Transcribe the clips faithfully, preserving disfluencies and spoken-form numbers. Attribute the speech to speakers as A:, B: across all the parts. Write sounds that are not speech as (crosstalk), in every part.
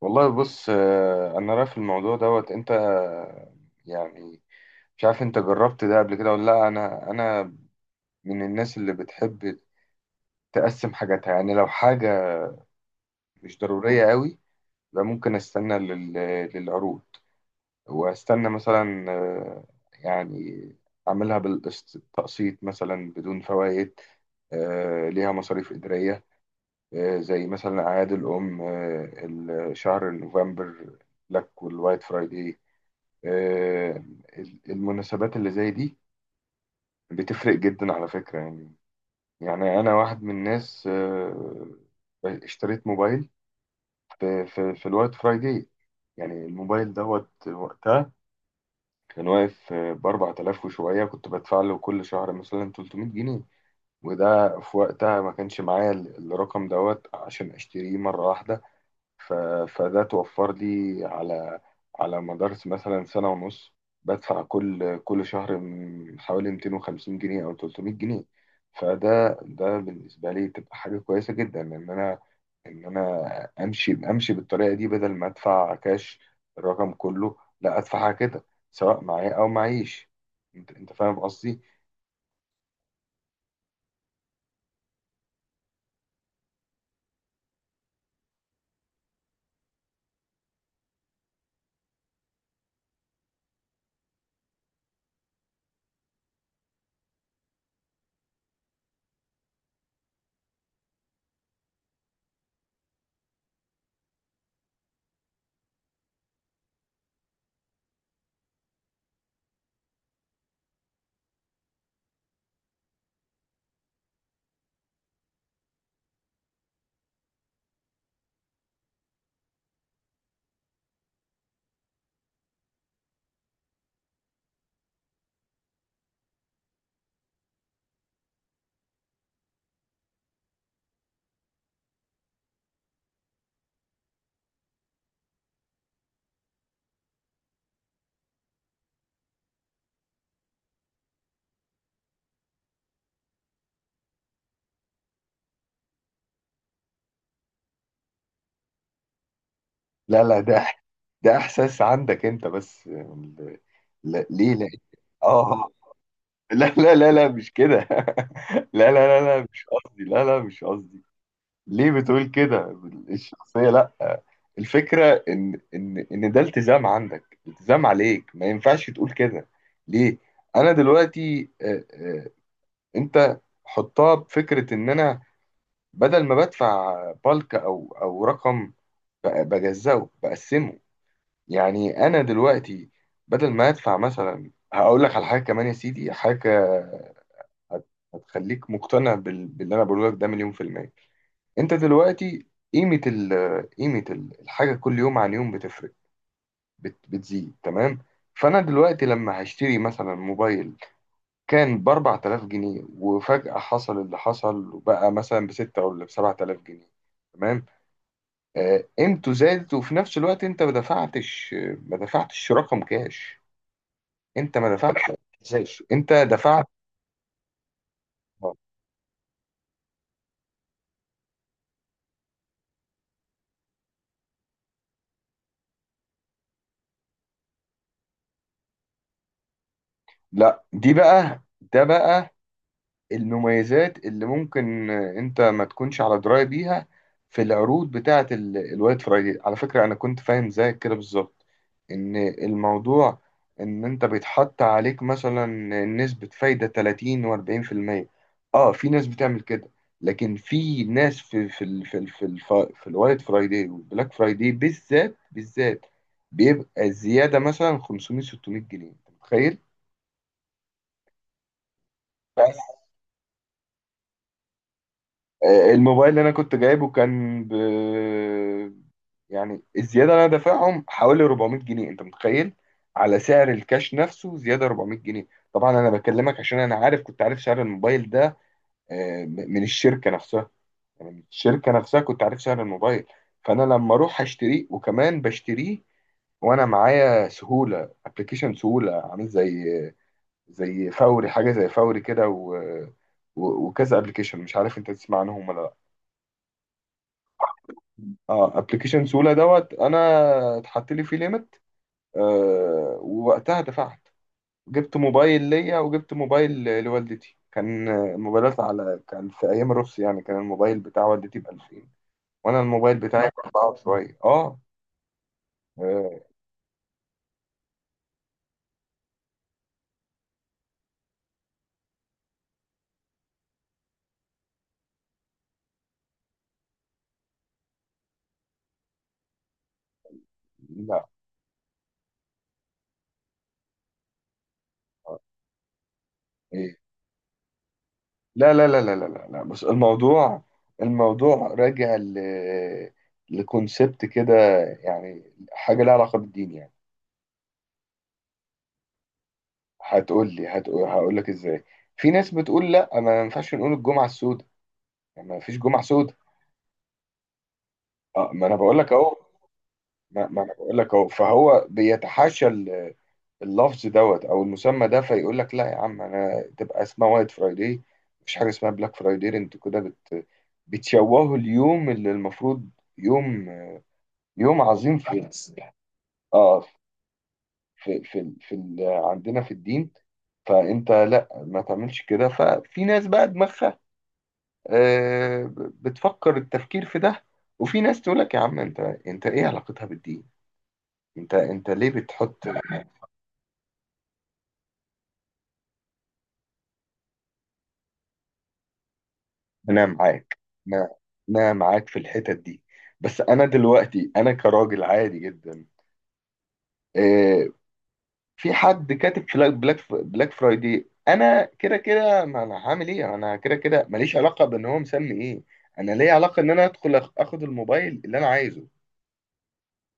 A: والله بص، آه، انا رأي في الموضوع دوت. انت آه، يعني مش عارف انت جربت ده قبل كده ولا لا. انا انا من الناس اللي بتحب تقسم حاجاتها. يعني لو حاجة مش ضرورية قوي يبقى ممكن استنى لل- للعروض، واستنى مثلا آه، يعني اعملها بالتقسيط مثلا بدون فوائد. آه، ليها مصاريف إدارية. آه، زي مثلا أعياد الأم، آه، ال- شهر نوفمبر، بلاك والوايت فرايداي. آه، المناسبات اللي زي دي بتفرق جدا على فكرة. يعني يعني أنا واحد من الناس. آه، اشتريت موبايل في, في, في الوايت فرايداي. يعني الموبايل دوت وقتها كان واقف ب اربع تلاف وشوية. كنت بدفع له كل شهر مثلا تلتمية جنيه، وده في وقتها ما كانش معايا ال- الرقم دوت عشان أشتريه مرة واحدة. ف... فده توفر لي على على مدار مثلا سنة ونص بدفع كل كل شهر م- حوالي ميتين وخمسين جنيه أو تلتمية جنيه. فده ده بالنسبة لي تبقى حاجة كويسة جدا، إن أنا إن أنا أمشي أمشي بالطريقة دي، بدل ما أدفع كاش الرقم كله. لا، أدفعها كده، سواء معايا أو معيش. أنت أنت فاهم قصدي؟ لا لا. ده ده إحساس عندك أنت بس. ال- لا- ليه؟ لا. آه. لا لا لا لا، مش كده (laughs) لا لا لا لا، مش قصدي. لا لا، مش قصدي. ليه بتقول كده؟ الشخصية، لا. الفكرة إن إن إن ده التزام عندك، التزام عليك. ما ينفعش تقول كده. ليه؟ أنا دلوقتي آه، آه، أنت حطها بفكرة إن أنا بدل ما بدفع بالك، أو أو رقم، ب- بجزأه، بقسمه. يعني أنا دلوقتي بدل ما أدفع مثلا، هقول لك على حاجة كمان يا سيدي، حاجة هت- هتخليك مقتنع بال... باللي انا بقوله لك، ده مليون في المية. انت دلوقتي قيمة ال... قيمة ال- الحاجة كل يوم عن يوم بتفرق، بت... بتزيد، تمام؟ فانا دلوقتي لما هشتري مثلا موبايل كان ب اربع تلاف جنيه، وفجأة حصل اللي حصل وبقى مثلا ب ستة ولا ب سبعة الاف جنيه، تمام. آه، قيمته زادت، وفي نفس الوقت انت ما دفعتش. ما دفعتش رقم كاش. انت ما دفعتش كاش، انت دفعت. لا، دي بقى ده بقى المميزات اللي ممكن انت ما تكونش على درايه بيها في العروض بتاعه ال- الوايت فرايدي. على فكره انا كنت فاهم زيك كده بالظبط، ان الموضوع ان انت بيتحط عليك مثلا نسبه فايده تلاتين و40%. اه، في ناس بتعمل كده، لكن في ناس، في في ال في ال في, ال في الوايت فرايدي والبلاك فرايدي، بالذات بالذات بيبقى الزياده مثلا خمسمية ستمية جنيه. انت متخيل؟ آه، الموبايل اللي انا كنت جايبه كان ب، يعني الزياده اللي انا دافعهم حوالي اربعمائة جنيه. انت متخيل؟ على سعر الكاش نفسه زياده اربعمائة جنيه. طبعا انا بكلمك عشان انا عارف، كنت عارف سعر الموبايل ده آه، م- من الشركه نفسها. يعني من الشركه نفسها كنت عارف سعر الموبايل. فانا لما اروح اشتريه، وكمان بشتريه وانا معايا سهوله، ابلكيشن سهوله، عامل زي زي فوري، حاجه زي فوري كده. و... و- وكذا ابلكيشن، مش عارف انت تسمع عنهم ولا؟ اه، ابلكيشن سولا دوت، انا اتحط لي فيه ليميت. آه، ووقتها دفعت، جبت موبايل ليا وجبت موبايل ل- لوالدتي. كان آه، موبايلات على، كان في ايام الرخص يعني. كان الموبايل بتاع والدتي ب الفين، وانا الموبايل بتاعي ب اربعة وشويه. اه. آه، لا. آه، ايه؟ لا لا لا لا لا لا لا. بس الموضوع، الموضوع راجع ل لكونسبت كده، يعني حاجه لها علاقه بالدين يعني. هتقول لي، هتقول هقول لك ازاي. في ناس بتقول لا ما ينفعش نقول الجمعه السوداء، يعني ما فيش جمعه سوداء. اه، ما انا بقول لك اهو. ما, ما انا بقول لك اهو. فهو بيتحاشى ال- اللفظ دوت او المسمى ده، فيقول لك لا يا عم انا، تبقى اسمها وايت فرايداي، مفيش حاجه اسمها بلاك فرايداي. انتوا كده بت بتشوهوا اليوم اللي المفروض يوم يوم عظيم في اه في في, في ال- عندنا في الدين. فانت لا، ما تعملش كده. ففي ناس بقى دماغها آه، بتفكر التفكير في ده، وفي ناس تقول لك يا عم انت، انت ايه علاقتها بالدين؟ انت انت ليه بتحط؟ انا معاك. انا انا معاك في الحتت دي. بس انا دلوقتي، انا كراجل عادي جدا، آه، في حد كاتب في بلاك بلاك فرايدي. انا كده كده، ما انا هعمل ايه؟ انا كده كده ماليش علاقه بان هو مسمي ايه. انا ليا علاقه ان انا ادخل، اخ- اخد الموبايل اللي انا عايزه.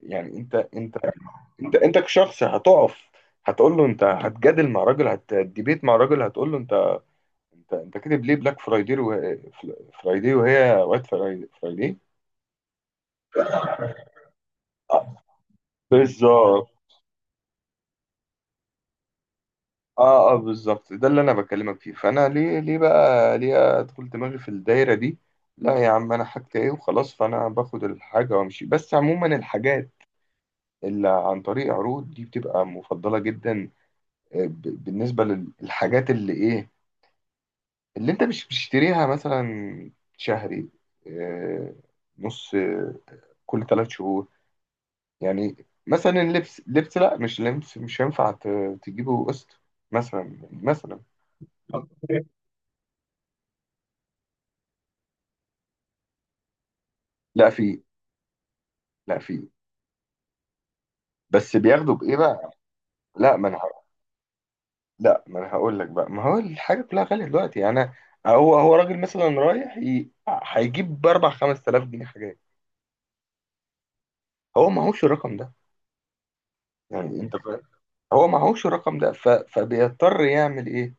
A: يعني انت، انت انت انت كشخص هتقف، هتقول له انت، هتجادل مع راجل، هتديبيت مع راجل. هتقول له انت، انت انت كاتب ليه بلاك فرايدي وهي فرايدي وهي وايت فراي- فرايدي. آه، بالظبط. اه اه، بالظبط. ده اللي انا بكلمك فيه. فانا ليه، ليه بقى ليه ادخل دماغي في الدايره دي؟ لا يا عم، انا حاجتي ايه وخلاص. فانا باخد الحاجه وامشي. بس عموما الحاجات اللي عن طريق عروض دي بتبقى مفضله جدا، آه، ب- بالنسبه للحاجات اللي ايه، اللي انت مش بتشتريها مثلا شهري، آه، نص، آه، كل تلات شهور يعني. مثلا اللبس، لبس، لا مش لبس، مش هينفع ت- تجيبه قسط. مثلا مثلا لا في لا في بس بياخدوا بايه بقى؟ لا، ما انا ه- لا، ما انا هقول لك بقى، ما هو الحاجه كلها غاليه دلوقتي. يعني أنا- هو هو راجل مثلا رايح ي- هيجيب ب اربعة خمس تلاف جنيه حاجات، هو معهوش الرقم ده. يعني انت فاهم، هو معهوش الرقم ده. ف... فبيضطر يعمل ايه؟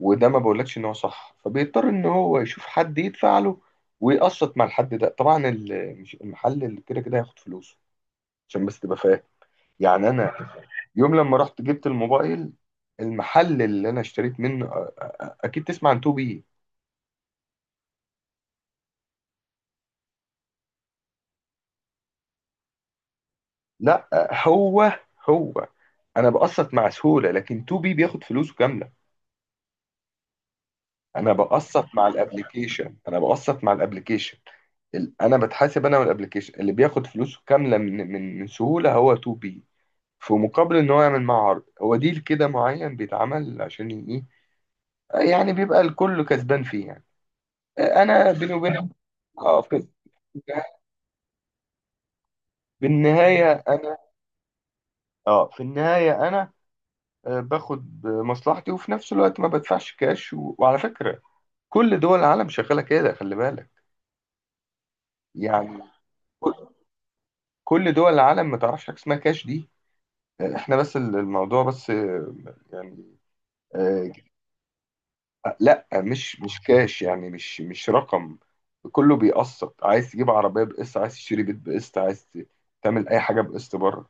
A: وده ما بقولكش ان هو صح. فبيضطر ان هو يشوف حد يدفع له ويقسط مع الحد ده. طبعا ال- مش- المحل اللي كده كده هياخد فلوسه. عشان بس تبقى فاهم. يعني انا يوم لما رحت جبت الموبايل، المحل اللي انا اشتريت منه، اكيد تسمع عن 2 بي. لا. هو هو انا بقسط مع سهوله، لكن تو بي بياخد فلوسه كامله. انا بقسط مع الابليكيشن، انا بقسط مع الابليكيشن. ال- انا بتحاسب انا والابليكيشن اللي بياخد فلوسه كامله من من من سهوله هو تو بي، في مقابل ان هو يعمل معاه عرض، هو ديل كده معين بيتعمل عشان ي- ايه؟ يعني بيبقى الكل كسبان فيه. يعني انا بيني وبينك اه، في في النهايه انا، اه، في النهايه انا آه، باخد مصلحتي، وفي نفس الوقت ما بدفعش كاش. و... وعلى فكره كل دول العالم شغاله كده، خلي بالك. يعني كل كل دول العالم ما تعرفش حاجه اسمها كاش دي. آه، احنا بس، ال- الموضوع بس آه، يعني آه، لا، مش مش كاش يعني، مش مش رقم. كله بيقسط. عايز تجيب عربية بقسط، عايز تشتري بيت بقسط، عايز ت- تعمل أي حاجة بقسط بره.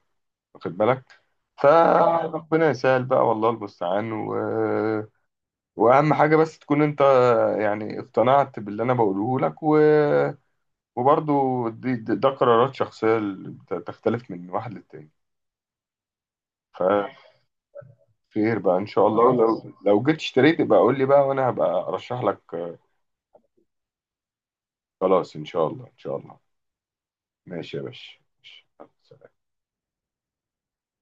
A: واخد بالك؟ فربنا يسهل بقى، والله المستعان. و... وأهم حاجة بس تكون أنت يعني اقتنعت باللي أنا بقوله لك. و... وبرضو دي دي- ده قرارات شخصية اللي بت- تختلف من واحد للتاني، فخير بقى إن شاء الله. لو لو جيت اشتريت يبقى قول لي بقى وأنا هبقى أرشح لك. خلاص إن شاء الله، إن شاء الله. ماشي يا باشا. ماشي.